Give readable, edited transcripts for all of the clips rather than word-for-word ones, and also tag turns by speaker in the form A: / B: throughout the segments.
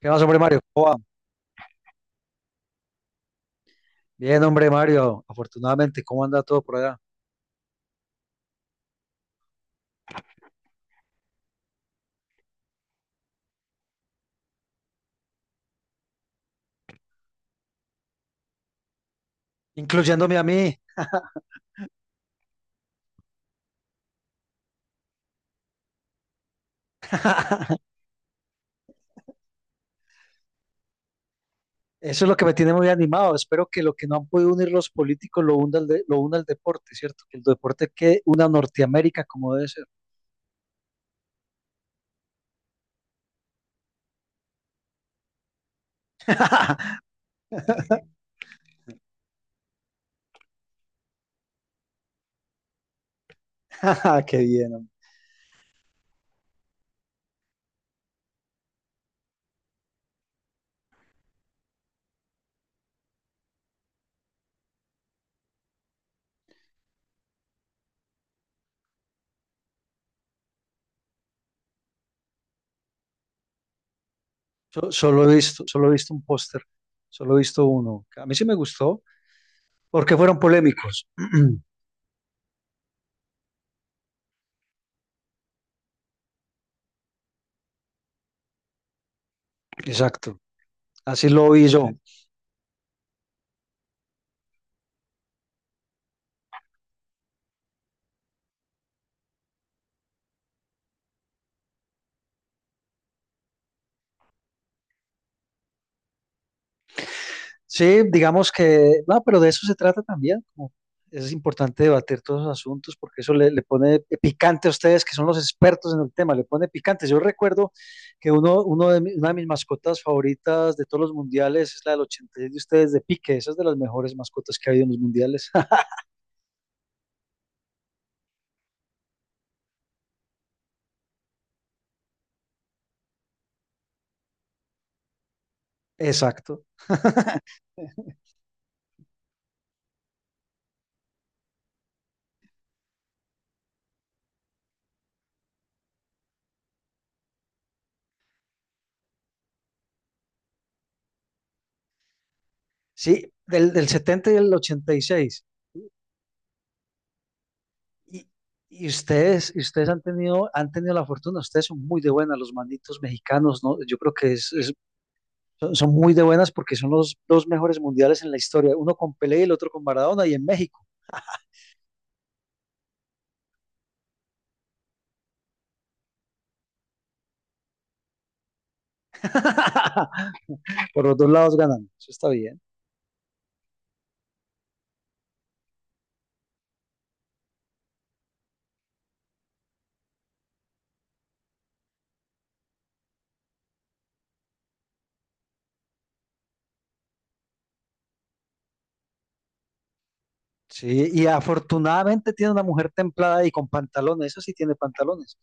A: ¿Qué más, hombre Mario? ¿Cómo va? Bien, hombre Mario, afortunadamente, ¿cómo anda todo por allá? Incluyéndome a mí. Eso es lo que me tiene muy animado. Espero que lo que no han podido unir los políticos lo una lo una el deporte, ¿cierto? Que el deporte que una Norteamérica como debe ser. Qué bien, hombre. Solo he visto, solo he visto un póster, solo he visto uno. A mí sí me gustó porque fueron polémicos. Exacto, así lo vi yo. Sí, digamos que, no, pero de eso se trata también. Como es importante debatir todos los asuntos porque eso le pone picante a ustedes que son los expertos en el tema, le pone picante. Yo recuerdo que uno una de mis mascotas favoritas de todos los mundiales es la del 86 de ustedes de Pique, esa es de las mejores mascotas que ha habido en los mundiales. Exacto. Sí, del 70 y del 86. Y, seis. Y y ustedes han tenido la fortuna, ustedes son muy de buena, los manitos mexicanos, ¿no? Yo creo que es son, son muy de buenas porque son los dos mejores mundiales en la historia, uno con Pelé y el otro con Maradona y en México. Por los dos lados ganan, eso está bien. Sí, y afortunadamente tiene una mujer templada y con pantalones, eso sí tiene pantalones.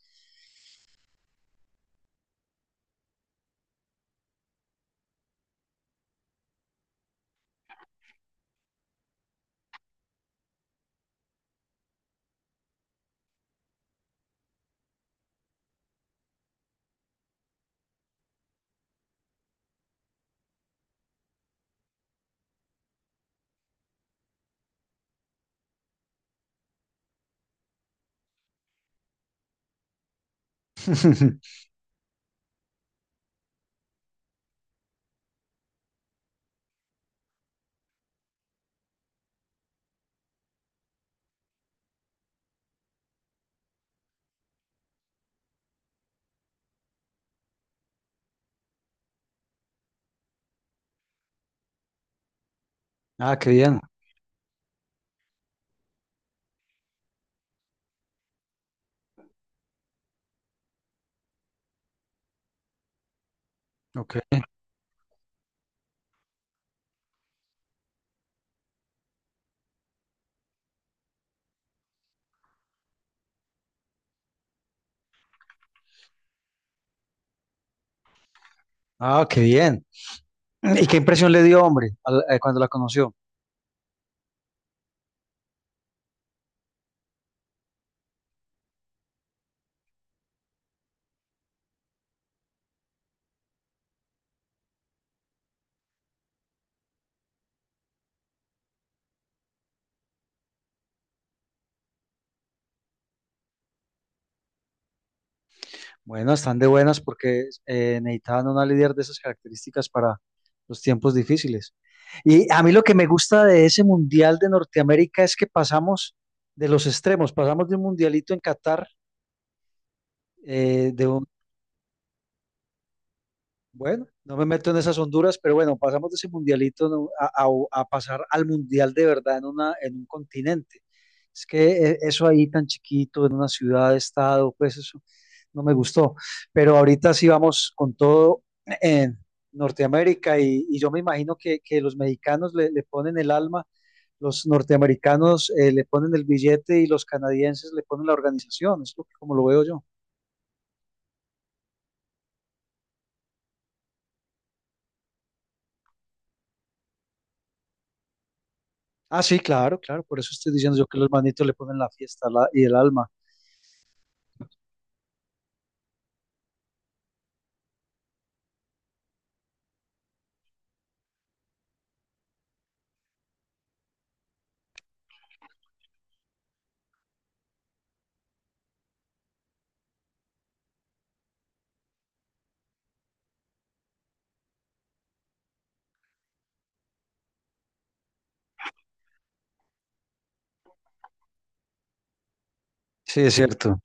A: Ah, qué bien, ok. Ah, qué bien. ¿Y qué impresión le dio, hombre, cuando la conoció? Bueno, están de buenas porque necesitaban una líder de esas características para los tiempos difíciles. Y a mí lo que me gusta de ese Mundial de Norteamérica es que pasamos de los extremos, pasamos de un mundialito en Qatar, eh, de, un- Bueno, no me meto en esas honduras, pero bueno, pasamos de ese mundialito, ¿no? A pasar al mundial de verdad en una, en un continente. Es que eso ahí tan chiquito, en una ciudad, estado, pues eso no me gustó. Pero ahorita sí vamos con todo en Norteamérica y yo me imagino que los mexicanos le ponen el alma, los norteamericanos le ponen el billete y los canadienses le ponen la organización, es como lo veo yo. Ah, sí, claro, claro, por eso estoy diciendo yo que los manitos le ponen la fiesta y el alma. Sí, es cierto.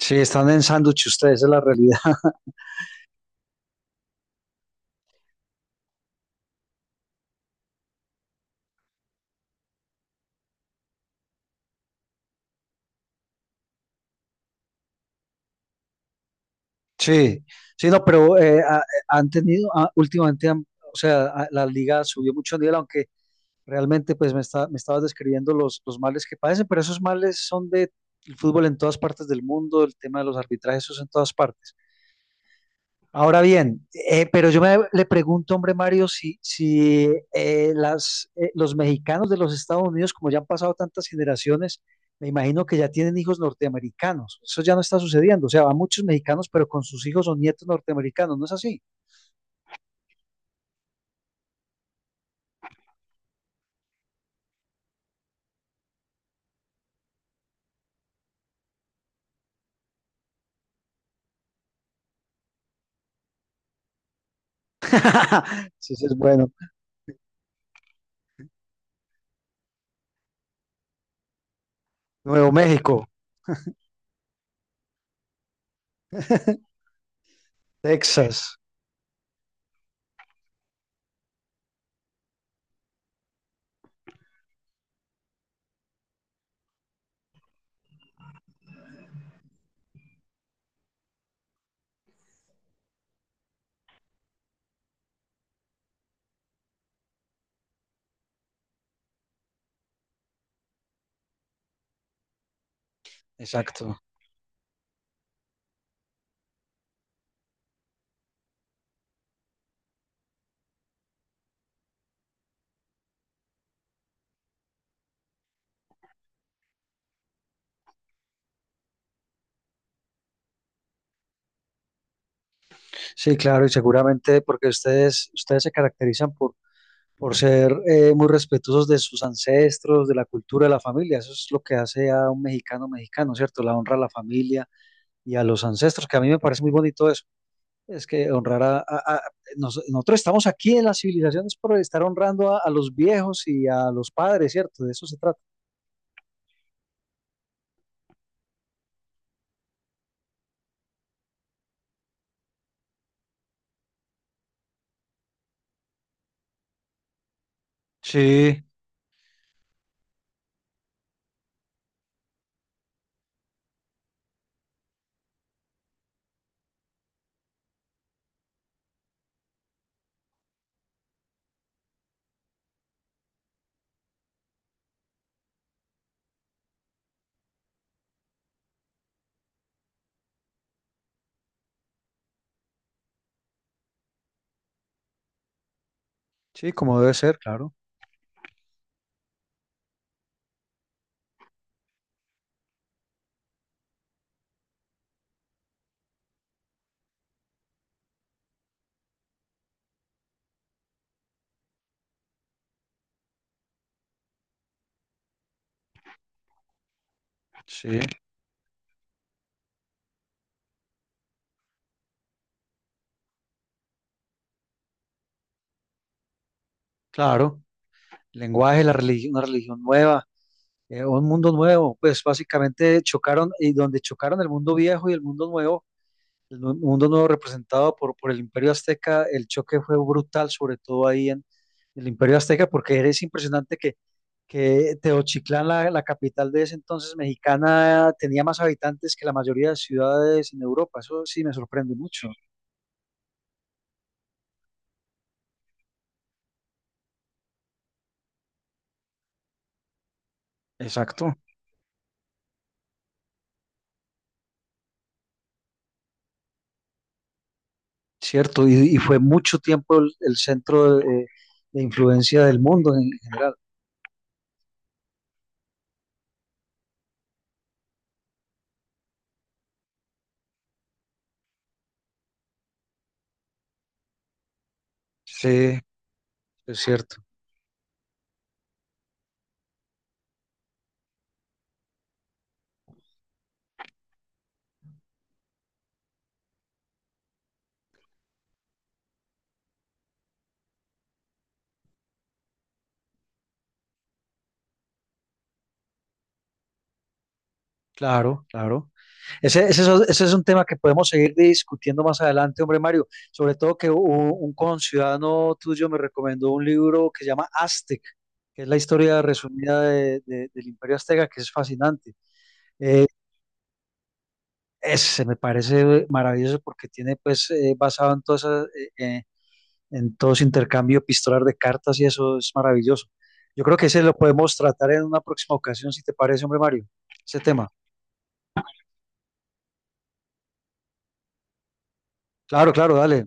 A: Sí, están en sándwich ustedes, esa es la realidad. Sí, sí, no, pero han tenido, ah, últimamente, o sea, ah, la liga subió mucho nivel, aunque realmente pues me estabas describiendo los males que padecen, pero esos males son de el fútbol en todas partes del mundo, el tema de los arbitrajes, eso es en todas partes. Ahora bien, pero le pregunto, hombre Mario, si los mexicanos de los Estados Unidos, como ya han pasado tantas generaciones, me imagino que ya tienen hijos norteamericanos. Eso ya no está sucediendo. O sea, van muchos mexicanos, pero con sus hijos o nietos norteamericanos, ¿no es así? Sí, sí, es bueno. Nuevo México, Texas. Exacto. Sí, claro, y seguramente porque ustedes, ustedes se caracterizan por ser muy respetuosos de sus ancestros, de la cultura de la familia. Eso es lo que hace a un mexicano mexicano, ¿cierto? La honra a la familia y a los ancestros, que a mí me parece muy bonito eso. Es que honrar a nosotros estamos aquí en las civilizaciones por estar honrando a los viejos y a los padres, ¿cierto? De eso se trata. Sí, sí, como debe ser, claro. Sí, claro. El lenguaje, la religión, una religión nueva. Un mundo nuevo, pues básicamente chocaron y donde chocaron el mundo viejo y el mundo nuevo, mundo nuevo representado por el Imperio Azteca, el choque fue brutal, sobre todo ahí en el Imperio Azteca, porque es impresionante que Teochitlán, la capital de ese entonces mexicana, tenía más habitantes que la mayoría de ciudades en Europa, eso sí me sorprende mucho. Exacto, cierto, y fue mucho tiempo el centro de influencia del mundo en general. Sí, es cierto. Claro, claro. Ese es un tema que podemos seguir discutiendo más adelante, hombre Mario. Sobre todo que un conciudadano tuyo me recomendó un libro que se llama Aztec, que es la historia resumida del Imperio Azteca, que es fascinante. Eh, Ese me parece maravilloso porque tiene, pues, basado en todo, en todo ese intercambio epistolar de cartas y eso es maravilloso. Yo creo que ese lo podemos tratar en una próxima ocasión, si te parece, hombre Mario, ese tema. Claro, claro, dale.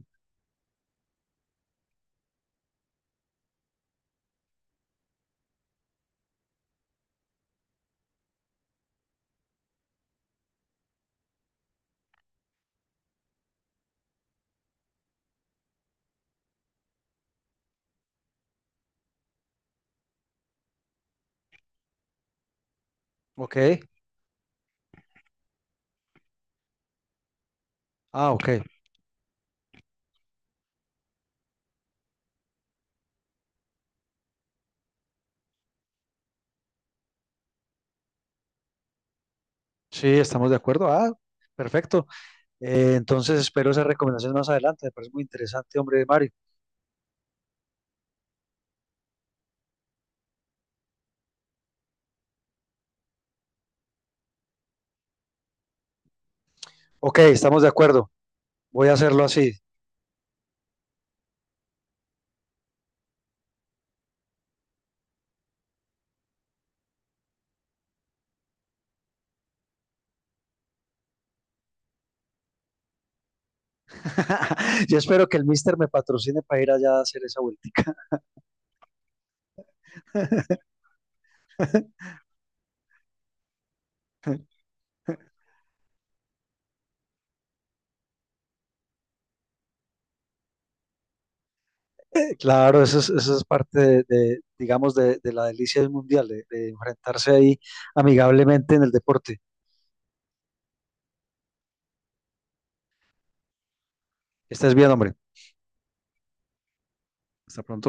A: Ok. Ah, ok. Sí, estamos de acuerdo. Ah, perfecto. Entonces espero esas recomendaciones más adelante. Me parece muy interesante, hombre, Mario. Ok, estamos de acuerdo. Voy a hacerlo así. Yo espero que el Mister me patrocine para ir allá a hacer esa vuelta. Claro, eso es parte de, digamos, de la delicia del mundial, de enfrentarse ahí amigablemente en el deporte. Que estés bien, hombre. Hasta pronto.